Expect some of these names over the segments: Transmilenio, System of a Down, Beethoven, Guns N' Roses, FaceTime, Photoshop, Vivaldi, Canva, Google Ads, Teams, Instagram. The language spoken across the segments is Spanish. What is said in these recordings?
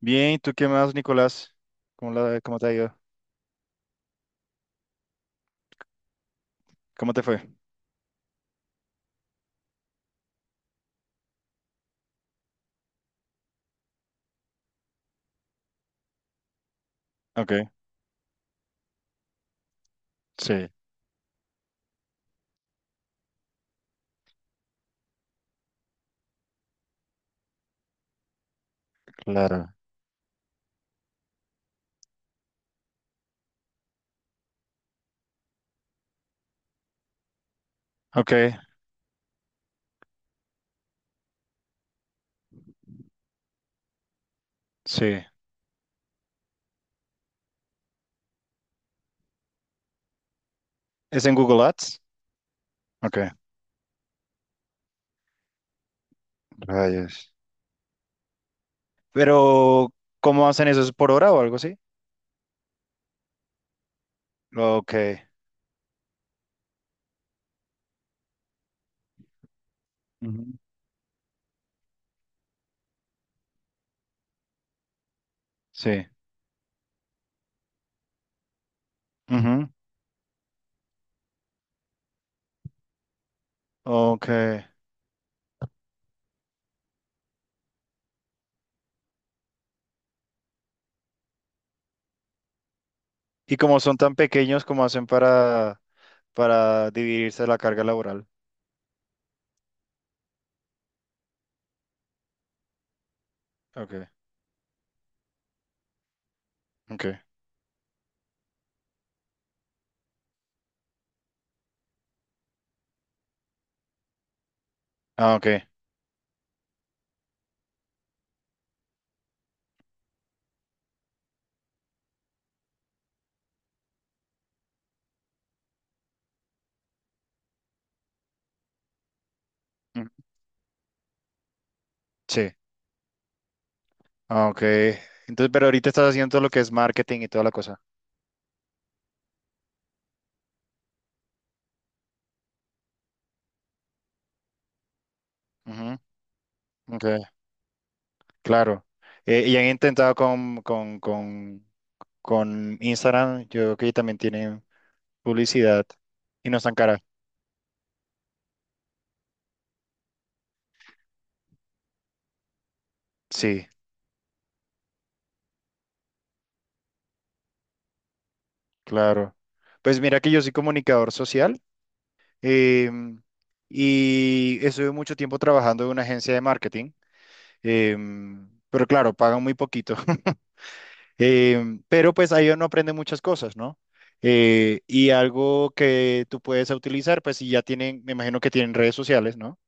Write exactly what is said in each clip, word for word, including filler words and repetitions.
Bien, ¿tú qué más, Nicolás? ¿Cómo la, cómo te ha ido? ¿Cómo te fue? Ok, sí, claro. Ok, sí. ¿Es en Google Ads? Ok, rayos. Pero, ¿cómo hacen eso? ¿Es por hora o algo así? Ok. Ujú. Sí. Ujú. Ok. ¿Y como son tan pequeños, cómo hacen para, para dividirse la carga laboral? Ok, ok. Ah, ok. Mm, sí. Ah, ok. Entonces, pero ahorita estás haciendo todo lo que es marketing y toda la cosa. Ujú. Ok. Claro. Eh, y han intentado con, con, con, con Instagram, yo creo que también tienen publicidad y no están caras. Sí, claro. Pues mira que yo soy comunicador social, em, y estuve mucho tiempo trabajando en una agencia de marketing. Em, pero claro, pagan muy poquito. Em, pero pues ahí uno aprende muchas cosas, ¿no? Eh, y algo que tú puedes utilizar, pues si ya tienen, me imagino que tienen redes sociales, ¿no?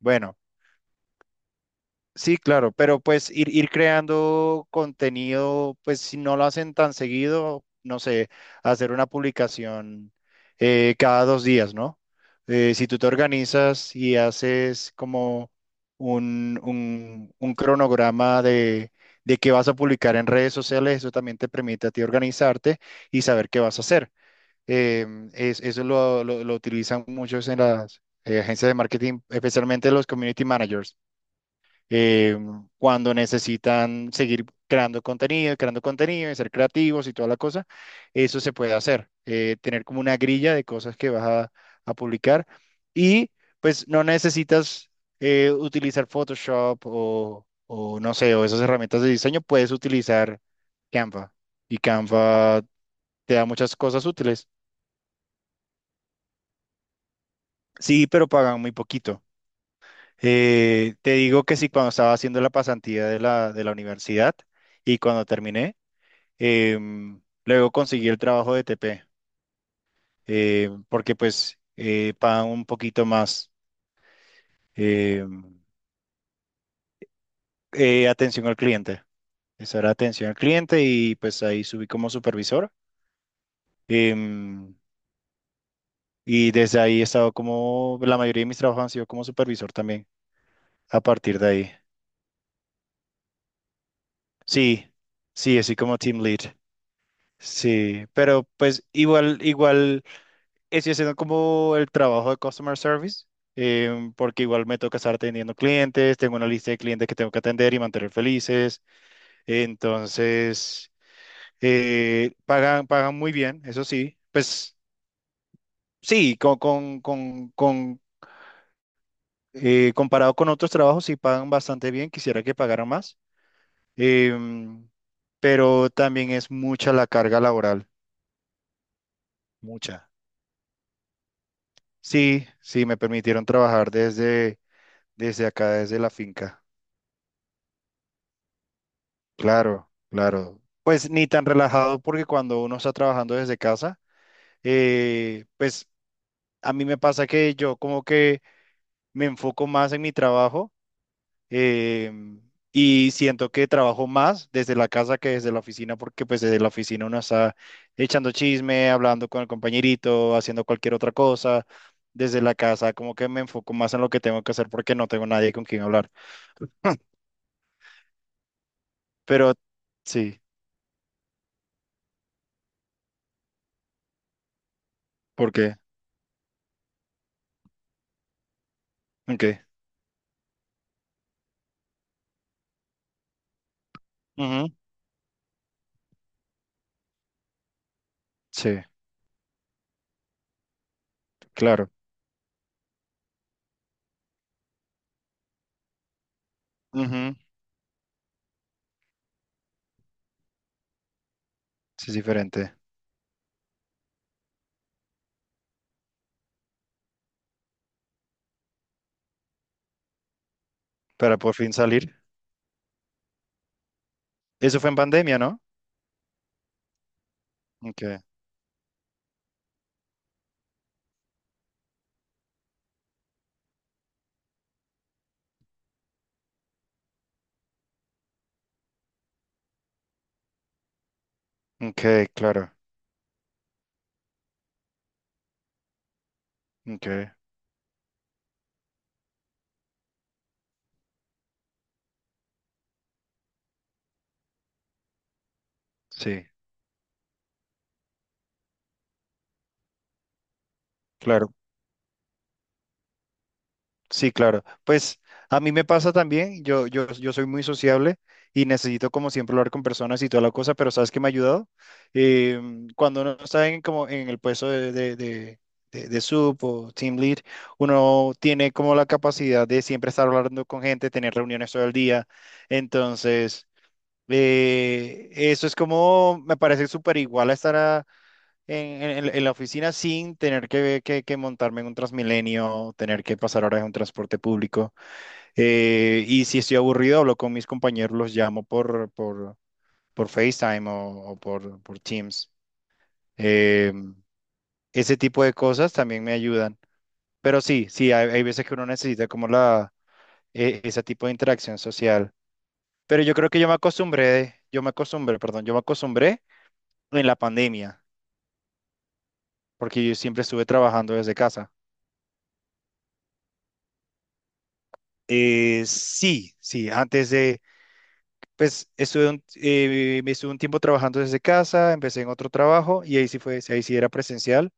Bueno. Sí, claro, pero pues ir, ir creando contenido, pues si no lo hacen tan seguido, no sé, hacer una publicación eh, cada dos días, ¿no? Eh, si tú te organizas y haces como un, un- un cronograma de, de qué vas a publicar en redes sociales, eso también te permite a ti organizarte y saber qué vas a hacer. Em, es- eso lo, lo- lo utilizan muchos en las eh, agencias de marketing, especialmente los community managers, eh, cuando necesitan seguir creando contenido, creando contenido y ser creativos y toda la cosa. Eso se puede hacer, eh, tener como una grilla de cosas que vas a, a publicar, y pues no necesitas eh, utilizar Photoshop o, o no sé, o esas herramientas de diseño. Puedes utilizar Canva, y Canva te da muchas cosas útiles. Sí, pero pagan muy poquito. Eh, te digo que sí, cuando estaba haciendo la pasantía de la, de la universidad y cuando terminé. Em, luego conseguí el trabajo de T P, eh, porque pues eh, pagan un poquito más. em, eh, Atención al cliente. Esa era atención al cliente y pues ahí subí como supervisor. Em, y desde ahí he estado como, la mayoría de mis trabajos han sido como supervisor también, a partir de ahí. Sí, sí, así como team lead. Sí, pero pues igual, igual. Estoy haciendo como el trabajo de customer service, em, porque igual me toca estar atendiendo clientes, tengo una lista de clientes que tengo que atender y mantener felices. Entonces, eh, pagan, pagan muy bien, eso sí. Pues sí, con, con, con, con, eh, comparado con otros trabajos, sí pagan bastante bien, quisiera que pagaran más. Em, pero también es mucha la carga laboral, mucha. Sí, sí, me permitieron trabajar desde, desde acá, desde la finca. Claro, claro. Pues ni tan relajado porque cuando uno está trabajando desde casa, eh, pues a mí me pasa que yo como que me enfoco más en mi trabajo, em, y siento que trabajo más desde la casa que desde la oficina porque pues desde la oficina uno está echando chisme, hablando con el compañerito, haciendo cualquier otra cosa. Desde la casa como que me enfoco más en lo que tengo que hacer porque no tengo nadie con quien hablar. Pero sí, ¿por qué? ¿En qué? Ujú, sí, claro. Ujú, sí, es diferente. Para por fin salir. Eso fue en pandemia, ¿no? Ok, ok, claro. Ok, sí, claro. Sí, claro. Pues a mí me pasa también. Yo, yo, yo soy muy sociable y necesito, como siempre, hablar con personas y toda la cosa, pero ¿sabes qué me ha ayudado? Em, cuando uno está en, como en el puesto de, de, de, de, de sub o team lead, uno tiene como la capacidad de siempre estar hablando con gente, tener reuniones todo el día. Entonces. Eh, eso es como, me parece súper igual a estar a- en, en- en la oficina sin tener que, que, que montarme en un Transmilenio, tener que pasar horas en un transporte público. Eh, y si estoy aburrido, hablo con mis compañeros, los llamo por, por, por FaceTime o, o por, por Teams. Eh, Ese tipo de cosas también me ayudan. Pero sí, sí, hay, hay veces que uno necesita como la, e- ese tipo de interacción social. Pero yo creo que yo me acostumbré, yo me acostumbré, perdón, yo me acostumbré en la pandemia, porque yo siempre estuve trabajando desde casa. Eh, sí, sí, antes de, pues estuve un, eh, me estuve un tiempo trabajando desde casa, empecé en otro trabajo y ahí sí fue, ahí sí era presencial.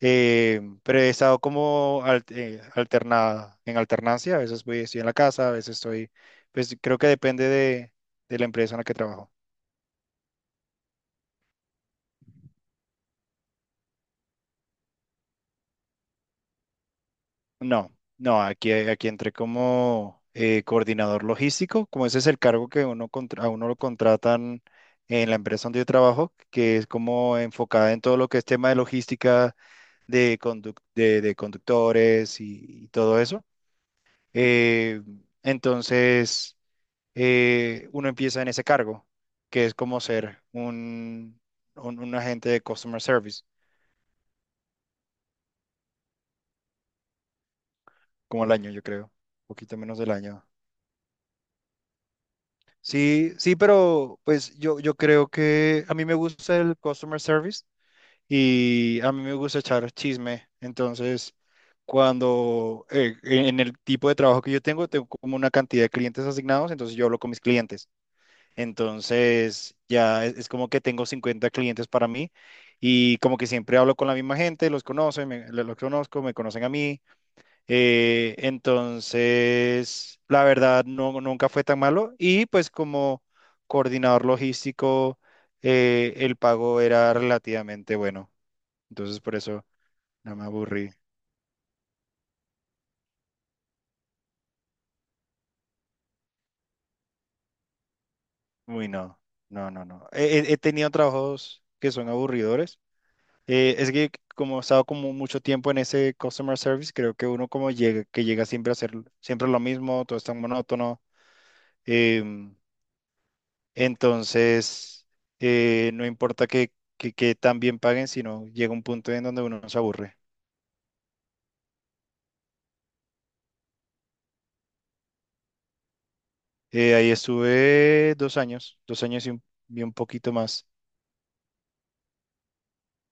eh, Pero he estado como al- eh, alternada, en alternancia, a veces voy, estoy en la casa, a veces estoy, pues creo que depende de, de la empresa en la que trabajo. No, no, aquí, aquí entré como eh, coordinador logístico, como ese es el cargo que uno contra- a uno lo contratan en la empresa donde yo trabajo, que es como enfocada en todo lo que es tema de logística, de, conduc- de, de conductores y, y todo eso. Eh, entonces, eh, uno empieza en ese cargo, que es como ser un, un, un agente de customer service, como el año, yo creo, poquito menos del año. Sí, sí, pero pues yo, yo creo que a mí me gusta el customer service y a mí me gusta echar chisme. Entonces, cuando eh, e, en el tipo de trabajo que yo tengo, tengo como una cantidad de clientes asignados, entonces yo hablo con mis clientes. Entonces, ya es, es como que tengo cincuenta clientes para mí y como que siempre hablo con la misma gente, los conocen, me- los conozco, me conocen a mí. Eh, entonces, la verdad, no, nunca fue tan malo. Y pues como coordinador logístico, eh, el pago era relativamente bueno. Entonces, por eso no me aburrí. Uy, no, no, no, no. He, he- he tenido trabajos que son aburridores. Eh, es que como he estado como mucho tiempo en ese customer service, creo que uno como llega, que llega siempre a hacer siempre lo mismo, todo es tan monótono. em, Entonces, eh, no importa que, que, que tan bien paguen, sino llega un punto en donde uno se aburre. Eh, ahí estuve dos años, dos años y un, y un poquito más.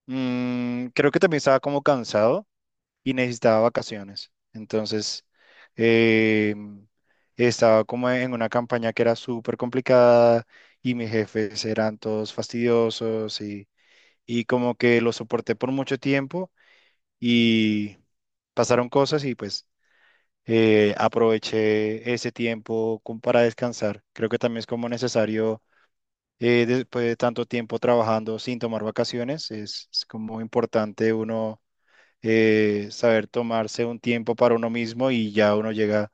Mm, creo que también estaba como cansado y necesitaba vacaciones. Entonces, eh, estaba como en una campaña que era súper complicada y mis jefes eran todos fastidiosos y, y como que lo soporté por mucho tiempo y pasaron cosas y pues eh, aproveché ese tiempo como para descansar. Creo que también es como necesario, eh, después de tanto tiempo trabajando sin tomar vacaciones, es, es como importante uno eh, saber tomarse un tiempo para uno mismo y ya uno llega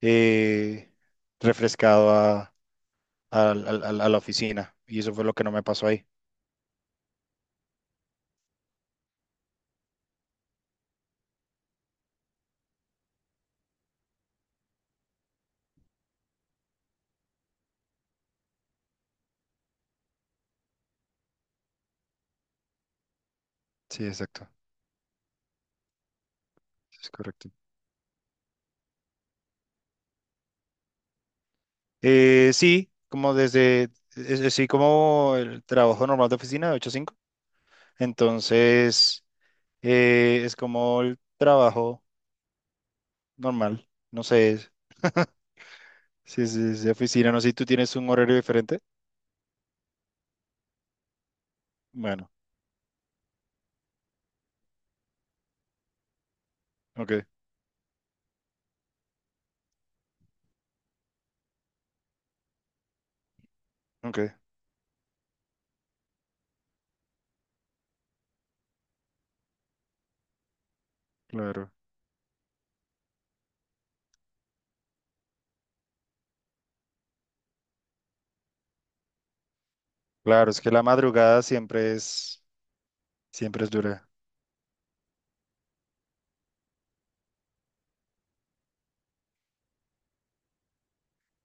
eh, refrescado a, al- al- al- a la oficina. Y eso fue lo que no me pasó ahí. Sí, exacto. Es correcto. Eh, sí, como desde, es- es- sí, como el trabajo normal de oficina de ocho a cinco. Entonces... Eh, es como el trabajo normal. No sé es- si es, es de oficina, no sé si tú tienes un horario diferente. Bueno, ok, ok, claro. Claro, es que la madrugada siempre es, siempre es dura.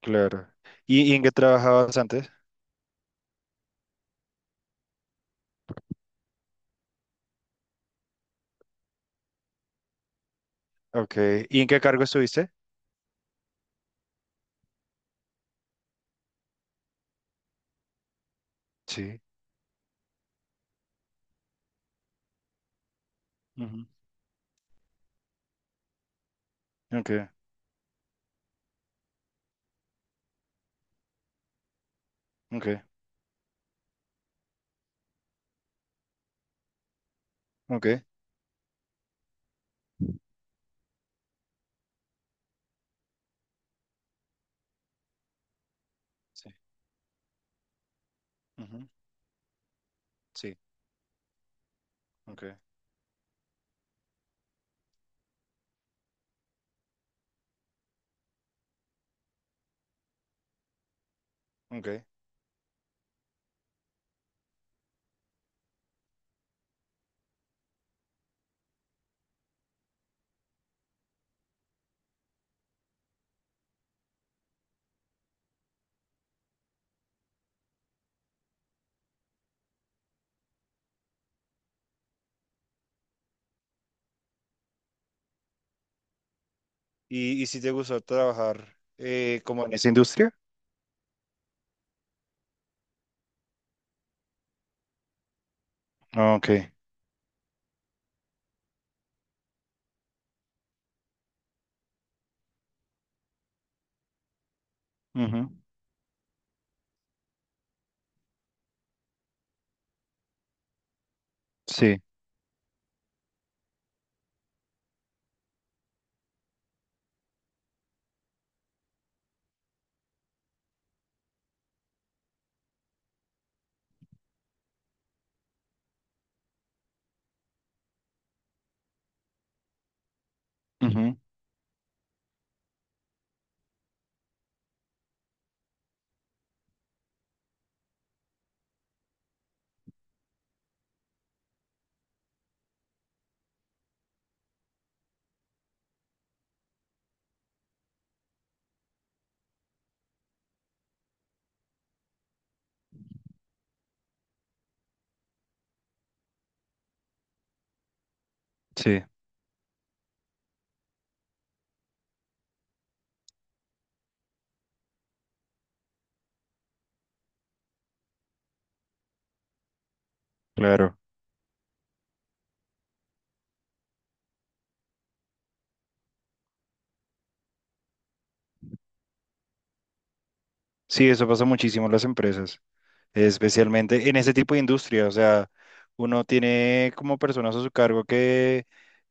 Claro. ¿Y, y en qué trabajabas antes? Ok. ¿Y en qué cargo estuviste? Sí. Ujú. Ok, ok, ok. Sí. Ujú. Sí, ok, ok. ¿Y, y si te gustó trabajar eh, como en esa industria? Ah, ok. Ujú. Sí. Ujú. Sí. Claro. Sí, eso pasa muchísimo en las empresas, especialmente en ese tipo de industria. O sea, uno tiene como personas a su cargo que,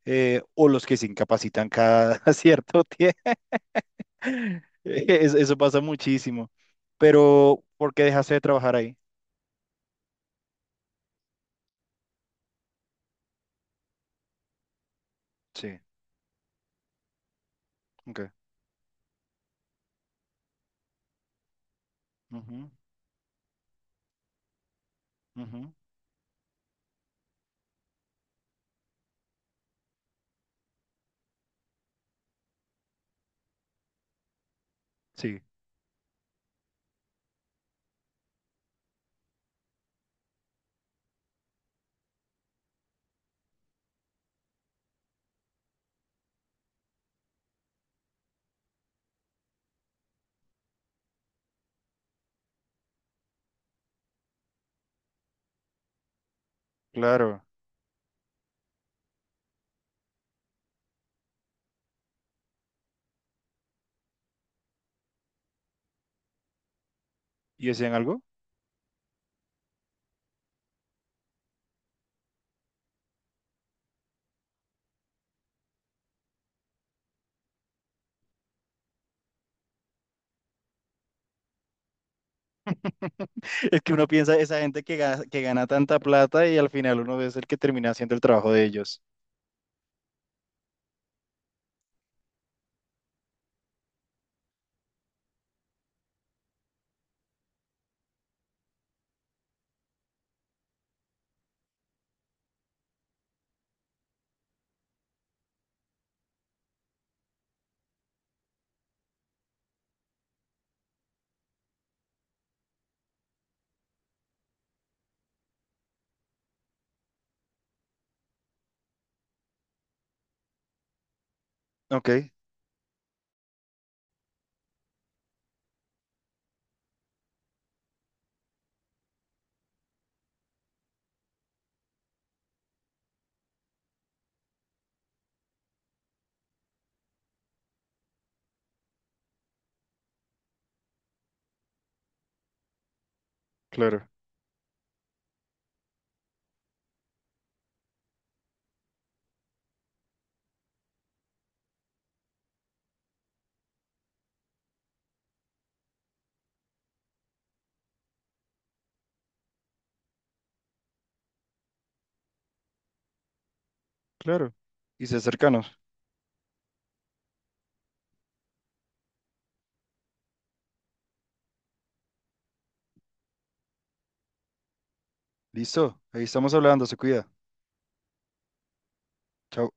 eh, o los que se incapacitan cada cierto tiempo. Es- Eso pasa muchísimo. Pero, ¿por qué dejaste de trabajar ahí? Sí, ok. Ujú, ujú. Sí, claro. ¿Y decían algo? Es que uno piensa, esa gente que gana, que gana tanta plata y al final uno es el que termina haciendo el trabajo de ellos. Ok, claro, claro. Y ser cercanos. Listo, ahí estamos hablando, se cuida. Chao.